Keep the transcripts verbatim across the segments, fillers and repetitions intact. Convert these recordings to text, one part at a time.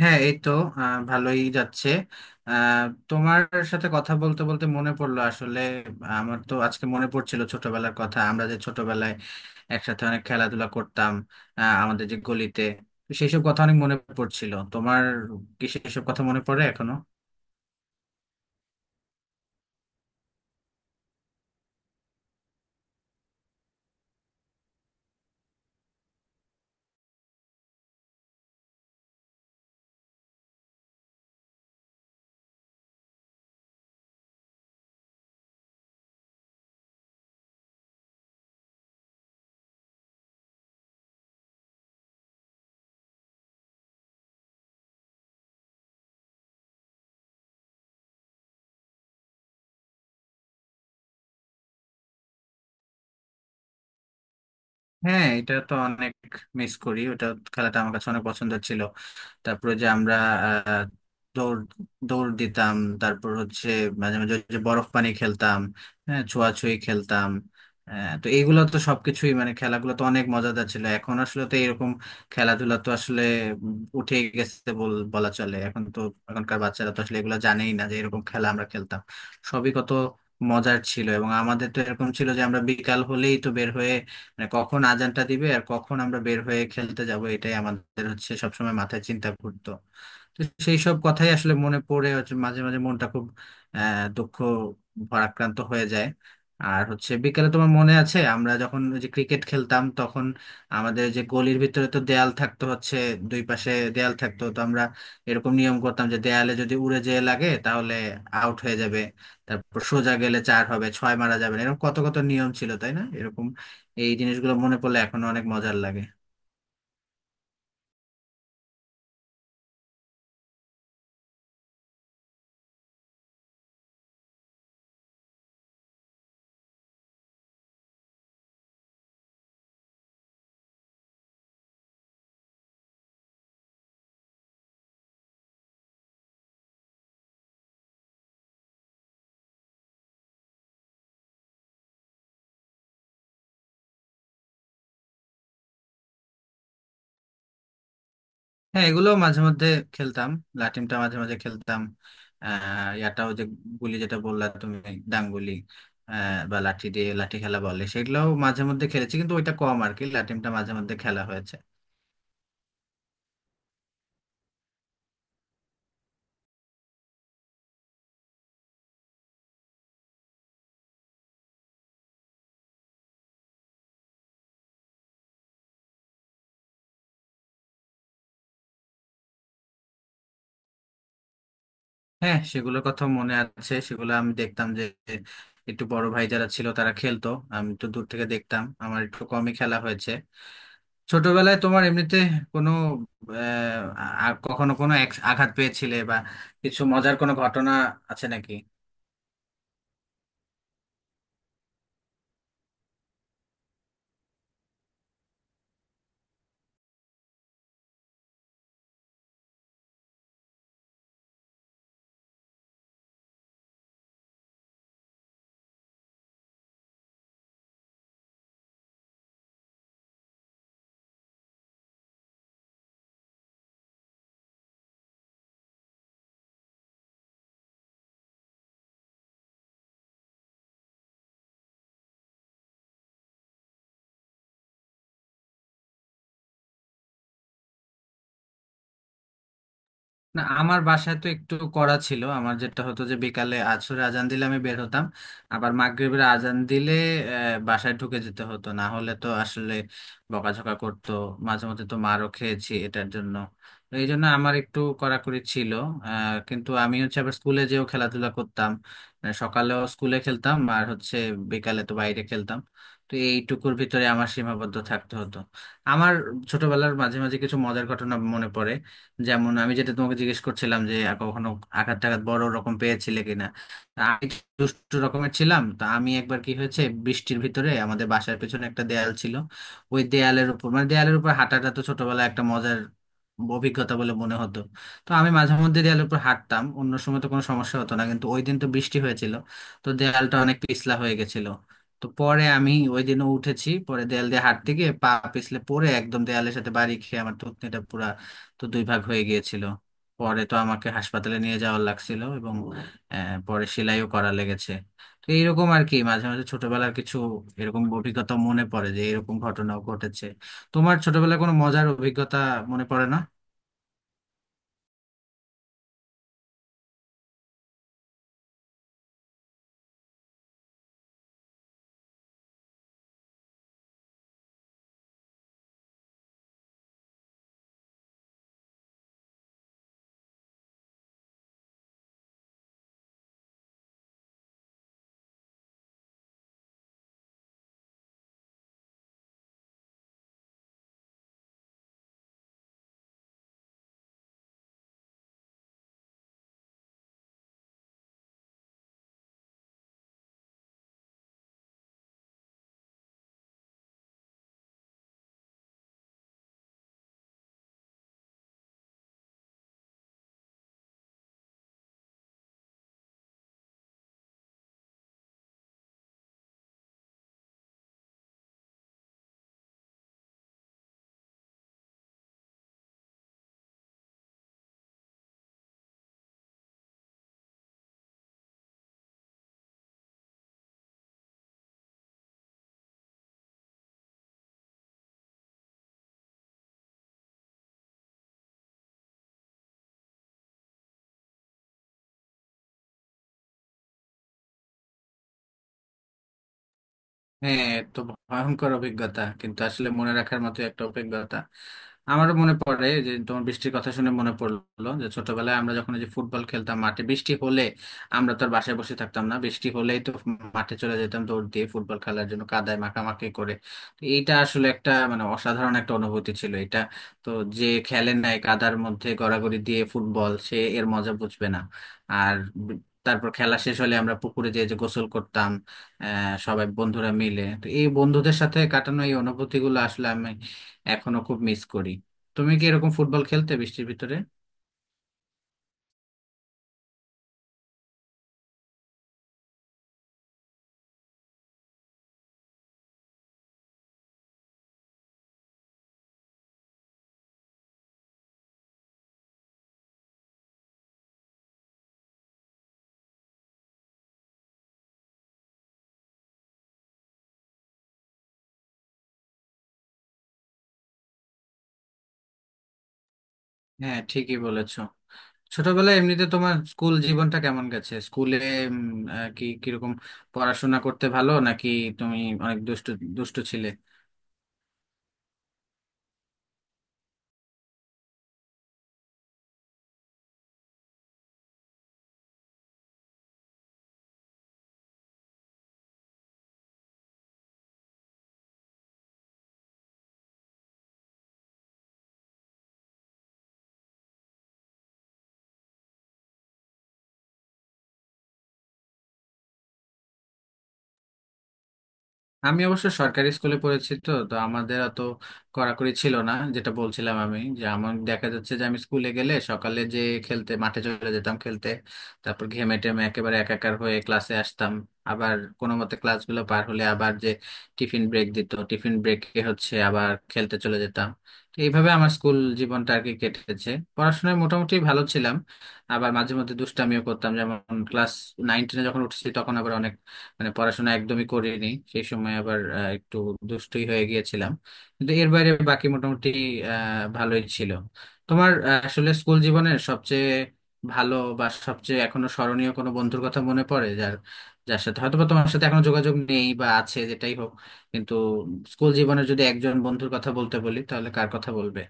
হ্যাঁ, এই তো আহ, ভালোই যাচ্ছে। আহ, তোমার সাথে কথা বলতে বলতে মনে পড়লো আসলে, আমার তো আজকে মনে পড়ছিল ছোটবেলার কথা, আমরা যে ছোটবেলায় একসাথে অনেক খেলাধুলা করতাম আহ, আমাদের যে গলিতে। তো সেইসব কথা অনেক মনে পড়ছিল। তোমার কি সেসব কথা মনে পড়ে এখনো? হ্যাঁ, এটা তো অনেক মিস করি ওটা, খেলাটা আমার কাছে অনেক পছন্দের ছিল। তারপরে যে আমরা আহ, দৌড় দৌড় দিতাম। তারপর হচ্ছে মাঝে মাঝে ওই যে বরফ পানি খেলতাম, হ্যাঁ ছোঁয়াছুঁয়ি খেলতাম। আহ, তো এইগুলো তো সবকিছুই, মানে খেলাগুলো তো অনেক মজাদার ছিল। এখন আসলে তো এরকম খেলাধুলা তো আসলে উঠে গেছে বল- বলা চলে। এখন তো এখনকার বাচ্চারা তো আসলে এগুলো জানেই না যে এরকম খেলা আমরা খেলতাম। সবই কত মজার ছিল, এবং আমাদের তো এরকম ছিল যে আমরা বিকাল হলেই তো বের হয়ে, মানে কখন আজানটা দিবে আর কখন আমরা বের হয়ে খেলতে যাব, এটাই আমাদের হচ্ছে সবসময় মাথায় চিন্তা ঘুরতো। তো সেই সব কথাই আসলে মনে পড়ে হচ্ছে, মাঝে মাঝে মনটা খুব আহ, দুঃখ ভারাক্রান্ত হয়ে যায়। আর হচ্ছে বিকেলে, তোমার মনে আছে আমরা যখন ওই যে ক্রিকেট খেলতাম তখন আমাদের যে গলির ভিতরে তো দেয়াল থাকতো হচ্ছে, দুই পাশে দেয়াল থাকতো, তো আমরা এরকম নিয়ম করতাম যে দেয়ালে যদি উড়ে যেয়ে লাগে তাহলে আউট হয়ে যাবে। তারপর সোজা গেলে চার হবে, ছয় মারা যাবে না। এরকম কত কত নিয়ম ছিল, তাই না এরকম? এই জিনিসগুলো মনে পড়লে এখনো অনেক মজার লাগে। হ্যাঁ, এগুলো মাঝে মধ্যে খেলতাম, লাটিমটা মাঝে মাঝে খেলতাম। আহ ইয়াটাও যে গুলি যেটা বললা তুমি, ডাংগুলি, আহ, বা লাঠি দিয়ে লাঠি খেলা বলে, সেগুলোও মাঝে মধ্যে খেলেছি, কিন্তু ওইটা কম আর কি, লাটিমটা মাঝে মধ্যে খেলা হয়েছে। হ্যাঁ, সেগুলোর কথা মনে আছে। সেগুলো আমি দেখতাম যে একটু বড় ভাই যারা ছিল তারা খেলতো, আমি তো দূর থেকে দেখতাম, আমার একটু কমই খেলা হয়েছে। ছোটবেলায় তোমার এমনিতে কোনো আহ আ- কখনো কোনো এক- আঘাত পেয়েছিলে বা কিছু মজার কোনো ঘটনা আছে নাকি? না, আমার বাসায় তো একটু করা ছিল। আমার যেটা হতো যে বিকালে আসরে আজান দিলে আমি বের হতাম, আবার মাগরিবের আজান দিলে আহ, বাসায় ঢুকে যেতে হতো, না হলে তো আসলে বকাঝকা করতো। মাঝে মধ্যে তো মারও খেয়েছি এটার জন্য, তো এই জন্য আমার একটু কড়াকড়ি ছিল। আহ, কিন্তু আমি হচ্ছে আবার স্কুলে যেও খেলাধুলা করতাম, আহ, সকালেও স্কুলে খেলতাম আর হচ্ছে বিকালে তো বাইরে খেলতাম। তো এইটুকুর ভিতরে আমার সীমাবদ্ধ থাকতে হতো। আমার ছোটবেলার মাঝে মাঝে কিছু মজার ঘটনা মনে পড়ে। যেমন আমি যেটা তোমাকে জিজ্ঞেস করছিলাম যে আর কখনো আঘাত টাঘাত বড় রকম পেয়েছিলে কিনা, তা আমি একটু দুষ্টু রকমের ছিলাম। তা আমি একবার কি হয়েছে, বৃষ্টির ভিতরে আমাদের বাসার পেছনে একটা দেয়াল ছিল, ওই দেয়ালের উপর মানে দেয়ালের উপর হাঁটাটা তো ছোটবেলায় একটা মজার অভিজ্ঞতা বলে মনে হতো। তো আমি মাঝে মধ্যে দেয়ালের উপর হাঁটতাম, অন্য সময় তো কোনো সমস্যা হতো না, কিন্তু ওই দিন তো বৃষ্টি হয়েছিল, তো দেয়ালটা অনেক পিছলা হয়ে গেছিল। তো পরে আমি ওই দিনও উঠেছি, পরে দেয়াল দিয়ে হাঁটতে গিয়ে পা পিছলে পড়ে একদম দেয়ালের সাথে বাড়ি খেয়ে আমার থুতনিটা পুরা তো দুই ভাগ হয়ে গিয়েছিল। পরে তো আমাকে হাসপাতালে নিয়ে যাওয়ার লাগছিল, এবং আহ, পরে সেলাইও করা লেগেছে। তো এইরকম আর কি, মাঝে মাঝে ছোটবেলার কিছু এরকম অভিজ্ঞতা মনে পড়ে যে এরকম ঘটনাও ঘটেছে। তোমার ছোটবেলায় কোনো মজার অভিজ্ঞতা মনে পড়ে না? হ্যাঁ, এ তো ভয়ঙ্কর অভিজ্ঞতা, কিন্তু আসলে মনে রাখার মতো একটা অভিজ্ঞতা। আমারও মনে পড়ে যে তোমার বৃষ্টির কথা শুনে মনে পড়লো যে ছোটবেলায় আমরা যখন এই যে ফুটবল খেলতাম মাঠে, বৃষ্টি হলে আমরা তো আর বাসায় বসে থাকতাম না, বৃষ্টি হলেই তো মাঠে চলে যেতাম দৌড় দিয়ে ফুটবল খেলার জন্য, কাদায় মাখামাখি করে। তো এইটা আসলে একটা মানে অসাধারণ একটা অনুভূতি ছিল এটা। তো যে খেলে নাই কাদার মধ্যে গড়াগড়ি দিয়ে ফুটবল, সে এর মজা বুঝবে না। আর বি- তারপর খেলা শেষ হলে আমরা পুকুরে যেয়ে যে গোসল করতাম, আহ, সবাই বন্ধুরা মিলে। তো এই বন্ধুদের সাথে কাটানো এই অনুভূতিগুলো আসলে আমি এখনো খুব মিস করি। তুমি কি এরকম ফুটবল খেলতে বৃষ্টির ভিতরে? হ্যাঁ, ঠিকই বলেছো। ছোটবেলায় এমনিতে তোমার স্কুল জীবনটা কেমন গেছে, স্কুলে উম, আহ, কি কিরকম পড়াশোনা করতে, ভালো নাকি? তুমি অনেক দুষ্ট দুষ্ট ছিলে? আমি অবশ্য সরকারি স্কুলে পড়েছি, তো তো আমাদের অত কড়াকড়ি ছিল না। যেটা বলছিলাম আমি, যে আমার দেখা যাচ্ছে যে আমি স্কুলে গেলে সকালে যে খেলতে মাঠে চলে যেতাম খেলতে, তারপর ঘেমে টেমে একেবারে একাকার হয়ে ক্লাসে আসতাম। আবার কোনো মতে ক্লাসগুলো পার হলে আবার যে টিফিন ব্রেক দিত, টিফিন ব্রেকে হচ্ছে আবার খেলতে চলে যেতাম। তো এইভাবে আমার স্কুল জীবনটা আর কি কেটেছে। পড়াশোনায় মোটামুটি ভালো ছিলাম, আবার মাঝে মধ্যে দুষ্টামিও করতাম। যেমন ক্লাস নাইন টেনে যখন উঠেছি তখন আবার অনেক, মানে পড়াশোনা একদমই করিনি। সেই সময় আবার আহ, একটু দুষ্টুই হয়ে গিয়েছিলাম। কিন্তু এর বাইরে বাকি মোটামুটি আহ ভালোই ছিল। তোমার আহ, আসলে স্কুল জীবনের সবচেয়ে ভালো বা সবচেয়ে এখনো স্মরণীয় কোনো বন্ধুর কথা মনে পড়ে, যার যার সাথে হয়তোবা তোমার সাথে এখনো যোগাযোগ নেই বা আছে, যেটাই হোক, কিন্তু স্কুল জীবনের যদি একজন বন্ধুর কথা বলতে বলি তাহলে কার কথা বলবে?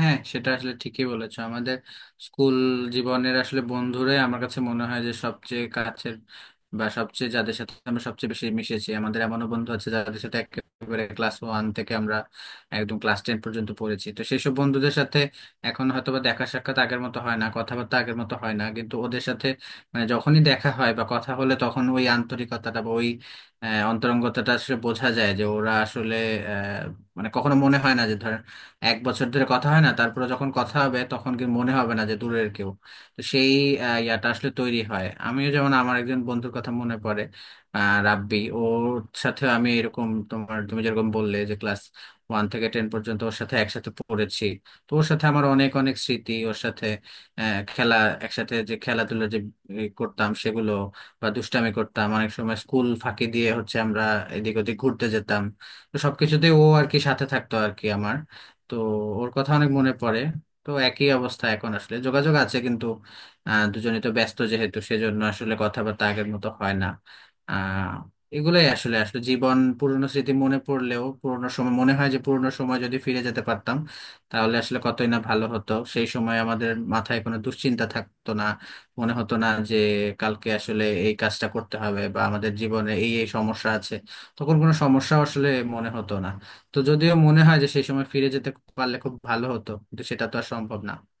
হ্যাঁ, সেটা আসলে ঠিকই বলেছো। আমাদের স্কুল জীবনের আসলে বন্ধুরাই আমার কাছে মনে হয় যে সবচেয়ে কাছের, বা সবচেয়ে যাদের সাথে আমরা সবচেয়ে বেশি মিশেছি। আমাদের এমনও বন্ধু আছে যাদের সাথে একেবারে ক্লাস ওয়ান থেকে আমরা একদম ক্লাস টেন পর্যন্ত পড়েছি। তো সেই সব বন্ধুদের সাথে এখন হয়তোবা দেখা সাক্ষাৎ আগের মতো হয় না, কথাবার্তা আগের মতো হয় না, কিন্তু ওদের সাথে মানে যখনই দেখা হয় বা কথা হলে তখন ওই আন্তরিকতাটা বা ওই আহ, অন্তরঙ্গতাটা আসলে বোঝা যায় যে ওরা আসলে আহ, মানে কখনো মনে হয় না যে ধরেন এক বছর ধরে কথা হয় না, তারপরে যখন কথা হবে তখন কি মনে হবে না যে দূরের কেউ। তো সেই আহ, ইয়াটা আসলে তৈরি হয়। আমিও যেমন আমার একজন বন্ধুর কথা মনে পড়ে, আহ রাব্বি, ওর সাথে আমি এরকম তোমার তুমি যেরকম বললে যে ক্লাস ওয়ান থেকে টেন পর্যন্ত ওর সাথে একসাথে পড়েছি। তো ওর সাথে আমার অনেক অনেক স্মৃতি। ওর সাথে আহ, খেলা, একসাথে যে খেলাধুলা যে এ, করতাম সেগুলো, বা দুষ্টামি করতাম, অনেক সময় স্কুল ফাঁকি দিয়ে হচ্ছে আমরা এদিক ওদিক ঘুরতে যেতাম। তো সবকিছুতেই ও আর কি সাথে থাকতো আর কি আমার। তো ওর কথা অনেক মনে পড়ে। তো একই অবস্থা, এখন আসলে যোগাযোগ আছে কিন্তু আহ দুজনে তো ব্যস্ত যেহেতু, সেজন্য আসলে কথাবার্তা আগের মতো হয় না। আহ এগুলোই আসলে আসলে জীবন। পুরনো স্মৃতি মনে পড়লেও পুরনো সময় মনে হয়, যে পুরনো সময় যদি ফিরে যেতে পারতাম তাহলে আসলে কতই না ভালো হতো। সেই সময় আমাদের মাথায় কোনো দুশ্চিন্তা থাকতো না, মনে হতো না যে কালকে আসলে এই কাজটা করতে হবে, বা আমাদের জীবনে এই এই সমস্যা আছে। তখন কোনো সমস্যা আসলে মনে হতো না। তো যদিও মনে হয় যে সেই সময় ফিরে যেতে পারলে খুব ভালো হতো, কিন্তু সেটা তো আর সম্ভব না।